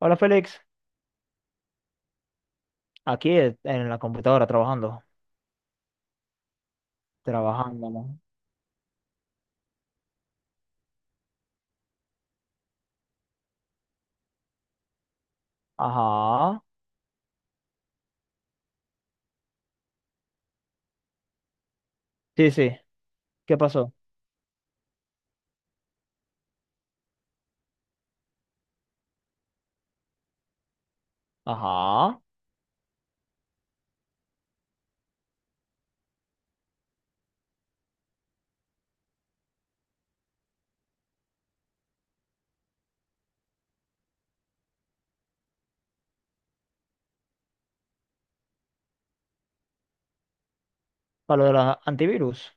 Hola Félix, aquí en la computadora trabajando, trabajando, ¿no? Ajá, sí, sí, ¿qué pasó? Ajá, para lo de la antivirus.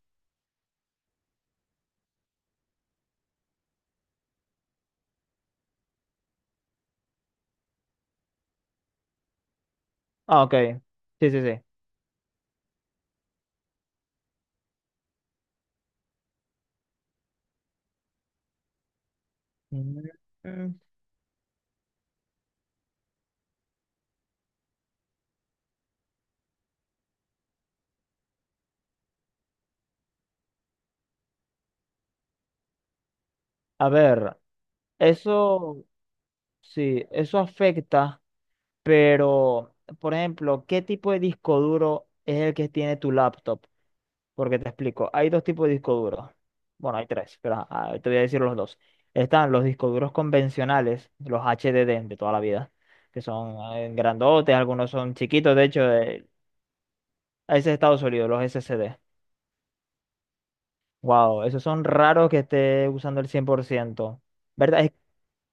Ah, ok, sí, sí, sí. Mm. A ver, eso, sí, eso afecta. Pero, por ejemplo, ¿qué tipo de disco duro es el que tiene tu laptop? Porque te explico, hay dos tipos de disco duros. Bueno, hay tres, pero ajá, te voy a decir los dos. Están los discos duros convencionales, los HDD de toda la vida, que son grandotes, algunos son chiquitos, de hecho, ese es Estados Unidos, los SSD. Wow, esos son raros que esté usando el 100%. ¿Verdad?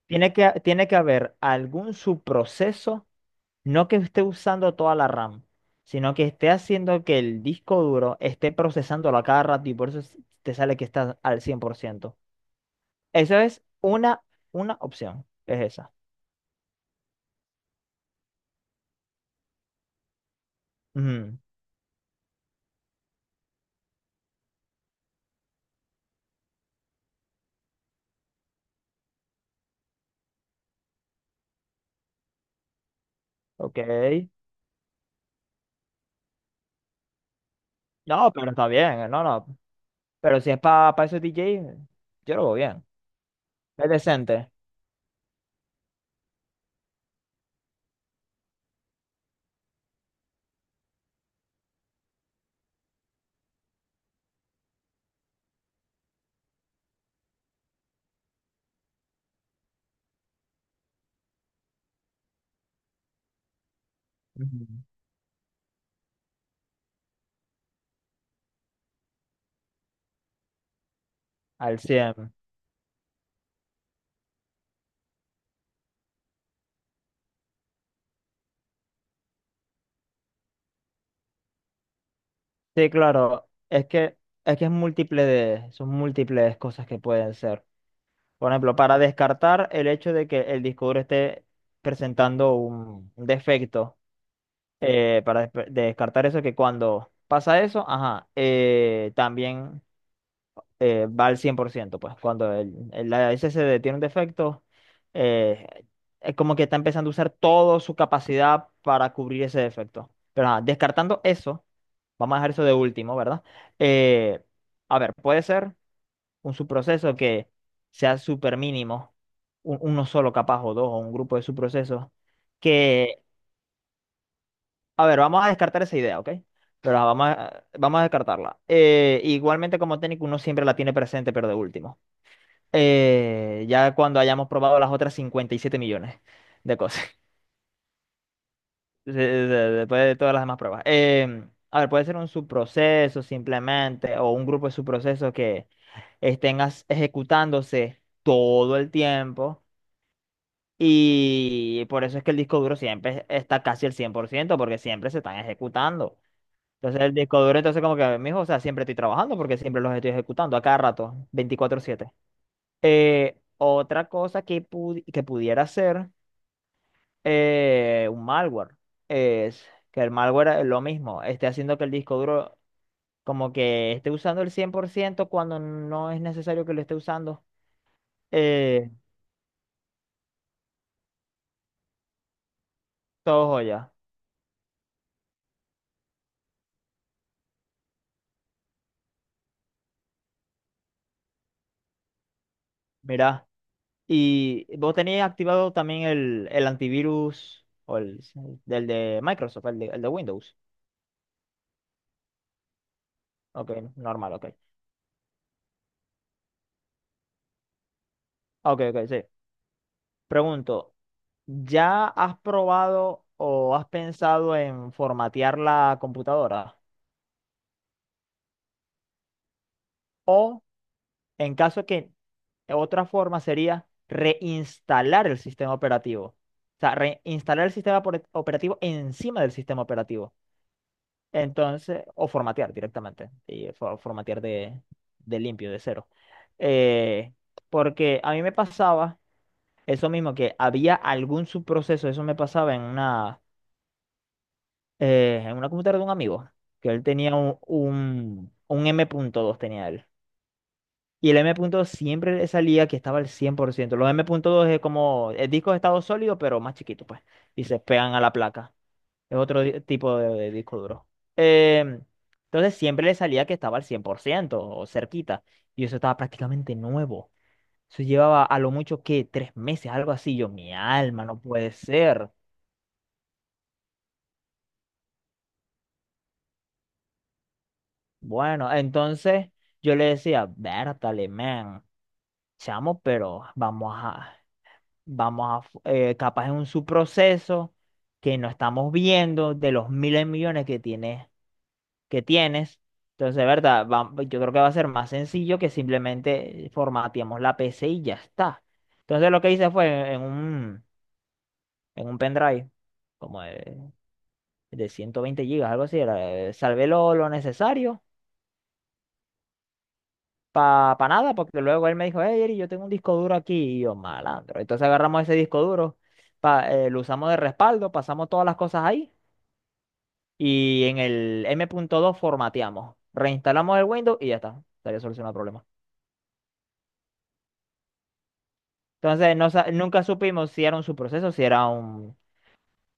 Tiene que, tiene que haber algún subproceso. No que esté usando toda la RAM, sino que esté haciendo que el disco duro esté procesándolo a cada rato y por eso te sale que está al 100%. Esa es una opción, es esa. Ujú. Ok. No, pero está bien, no, no. Pero si es para esos DJ, yo lo veo bien. Es decente. Ujú. Al 100. Sí, claro. Es que es múltiple de, son múltiples cosas que pueden ser. Por ejemplo, para descartar el hecho de que el disco duro esté presentando un defecto, para descartar eso, que cuando pasa eso, ajá, también va al 100%, pues cuando el SSD tiene un defecto, eh, es como que está empezando a usar toda su capacidad para cubrir ese defecto. Pero ajá, descartando eso, vamos a dejar eso de último, ¿verdad? Eh, a ver, puede ser un subproceso que sea súper mínimo, uno solo capaz o dos o un grupo de subprocesos, que, a ver, vamos a descartar esa idea, ¿ok? Pero la vamos a, vamos a descartarla. Igualmente como técnico uno siempre la tiene presente, pero de último. Ya cuando hayamos probado las otras 57 millones de cosas, después de todas las demás pruebas. A ver, puede ser un subproceso simplemente, o un grupo de subprocesos que estén ejecutándose todo el tiempo. Y por eso es que el disco duro siempre está casi el 100% porque siempre se están ejecutando. Entonces el disco duro, entonces como que, mijo, o sea, siempre estoy trabajando porque siempre los estoy ejecutando a cada rato, 24/7. Otra cosa que pudiera ser un malware es que el malware es lo mismo, esté haciendo que el disco duro como que esté usando el 100% cuando no es necesario que lo esté usando. Eh, todo joya. Mira. Y vos tenéis activado también el antivirus o el del de Microsoft, el de Windows. Ok, normal, ok. Ok, ok, sí. Pregunto, ¿ya has probado o has pensado en formatear la computadora? O en caso que otra forma sería reinstalar el sistema operativo. O sea, reinstalar el sistema operativo encima del sistema operativo. Entonces, o formatear directamente, y formatear de limpio, de cero. Eh, porque a mí me pasaba eso mismo, que había algún subproceso, eso me pasaba en una computadora de un amigo, que él tenía un M punto dos tenía él. Y el M M.2 siempre le salía que estaba al 100%. Los M punto dos es como el disco de estado sólido, pero más chiquito, pues, y se pegan a la placa. Es otro tipo de disco duro. Em, entonces siempre le salía que estaba al 100% o cerquita. Y eso estaba prácticamente nuevo. Eso llevaba a lo mucho que 3 meses, algo así. Yo, mi alma, no puede ser. Bueno, entonces yo le decía, Bertale, man, chamo, pero vamos a, vamos a, capaz es un subproceso que no estamos viendo de los miles de millones que tiene que tienes. Entonces, de verdad, yo creo que va a ser más sencillo que simplemente formateamos la PC y ya está. Entonces, lo que hice fue en un pendrive, como de 120 gigas, algo así, era, salvé lo necesario para nada, porque luego él me dijo, hey, Eri, yo tengo un disco duro aquí, y yo, malandro. Entonces, agarramos ese disco duro, lo usamos de respaldo, pasamos todas las cosas ahí, y en el M punto dos formateamos, reinstalamos el Windows y ya está, estaría solucionado el problema. Entonces, no, nunca supimos si era un subproceso, si era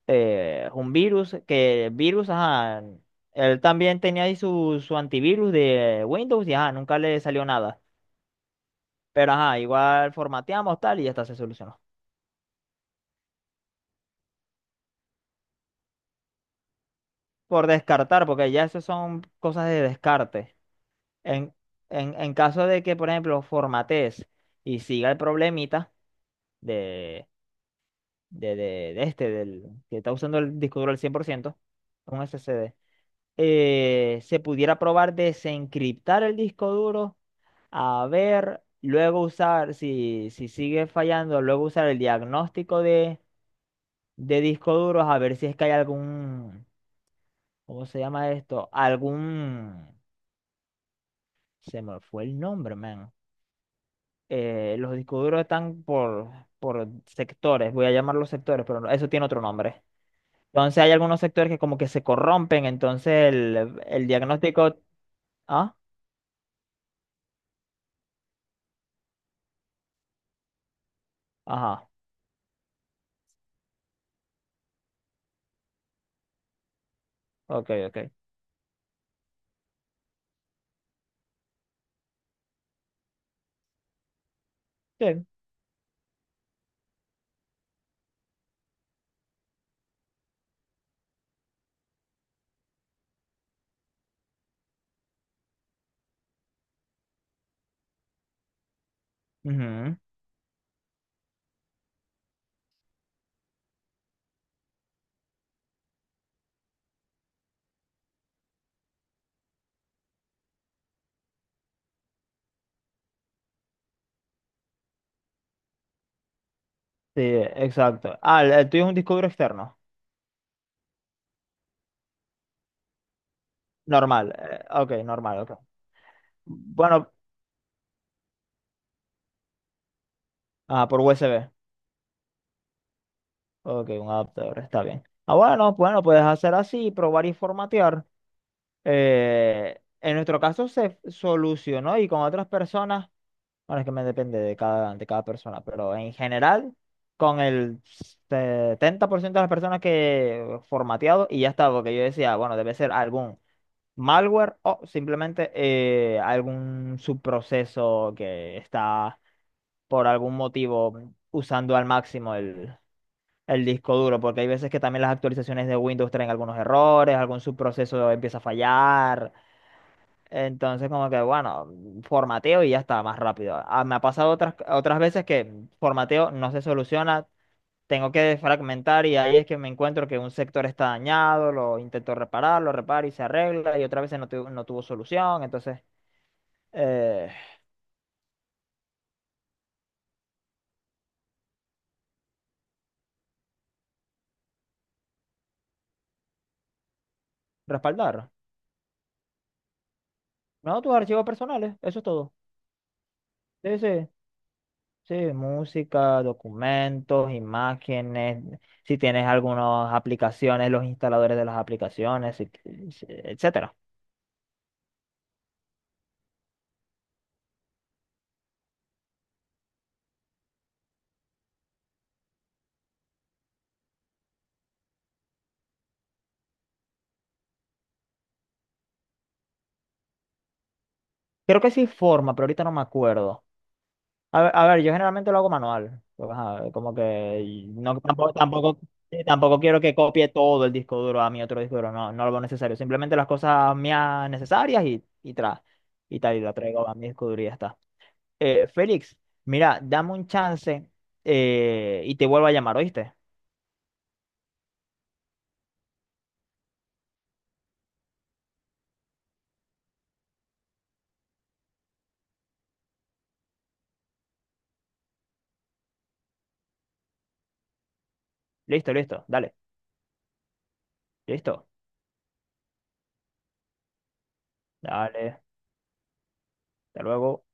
un virus, que el virus, ajá, él también tenía ahí su, su antivirus de Windows y ajá, nunca le salió nada. Pero ajá, igual formateamos tal y ya está, se solucionó. Por descartar, porque ya eso son cosas de descarte. En, en caso de que, por ejemplo, formatees y siga el problemita de, de, de, de este, del, que está usando el disco duro al 100% un SSD. Se pudiera probar desencriptar el disco duro, a ver, luego usar, si, si sigue fallando, luego usar el diagnóstico de disco duros, a ver si es que hay algún, ¿cómo se llama esto? Algún, se me fue el nombre, man. Los discos duros están por sectores, voy a llamarlos sectores, pero eso tiene otro nombre. Entonces hay algunos sectores que como que se corrompen, entonces el diagnóstico... Ah, ajá, ok, ok. Sí. Ujú. Sí, exacto. Ah, el tuyo es un disco duro externo. Normal. Ok, normal, ok. Bueno, ah, por USB. Ok, un adaptador, está bien. Ah, bueno, bueno, puedes hacer así, probar y formatear. En nuestro caso se solucionó y con otras personas, bueno, es que me depende de cada persona, pero en general, con el 70% de las personas que formateado y ya está, porque yo decía, bueno, debe ser algún malware o simplemente algún subproceso que está por algún motivo usando al máximo el disco duro, porque hay veces que también las actualizaciones de Windows traen algunos errores, algún subproceso empieza a fallar. Entonces, como que, bueno, formateo y ya está, más rápido. Ah, me ha pasado otras, otras veces que formateo no se soluciona, tengo que fragmentar y ahí es que me encuentro que un sector está dañado, lo intento reparar, lo reparo y se arregla y otra vez no, no tuvo solución, entonces eh, respaldar. No, tus archivos personales, eso es todo. Sí, sí, sí, música, documentos, imágenes, si tienes algunas aplicaciones, los instaladores de las aplicaciones, etcétera. Creo que sí forma, pero ahorita no me acuerdo. A ver, yo generalmente lo hago manual. Pues, ajá, como que no, tampoco, tampoco, sí, tampoco quiero que copie todo el disco duro a mi otro disco duro. No, no lo veo necesario. Simplemente las cosas mías necesarias y y tal, y lo traigo a mi disco duro y ya está. Félix, mira, dame un chance y te vuelvo a llamar, ¿oíste? Listo, listo, dale, hasta luego.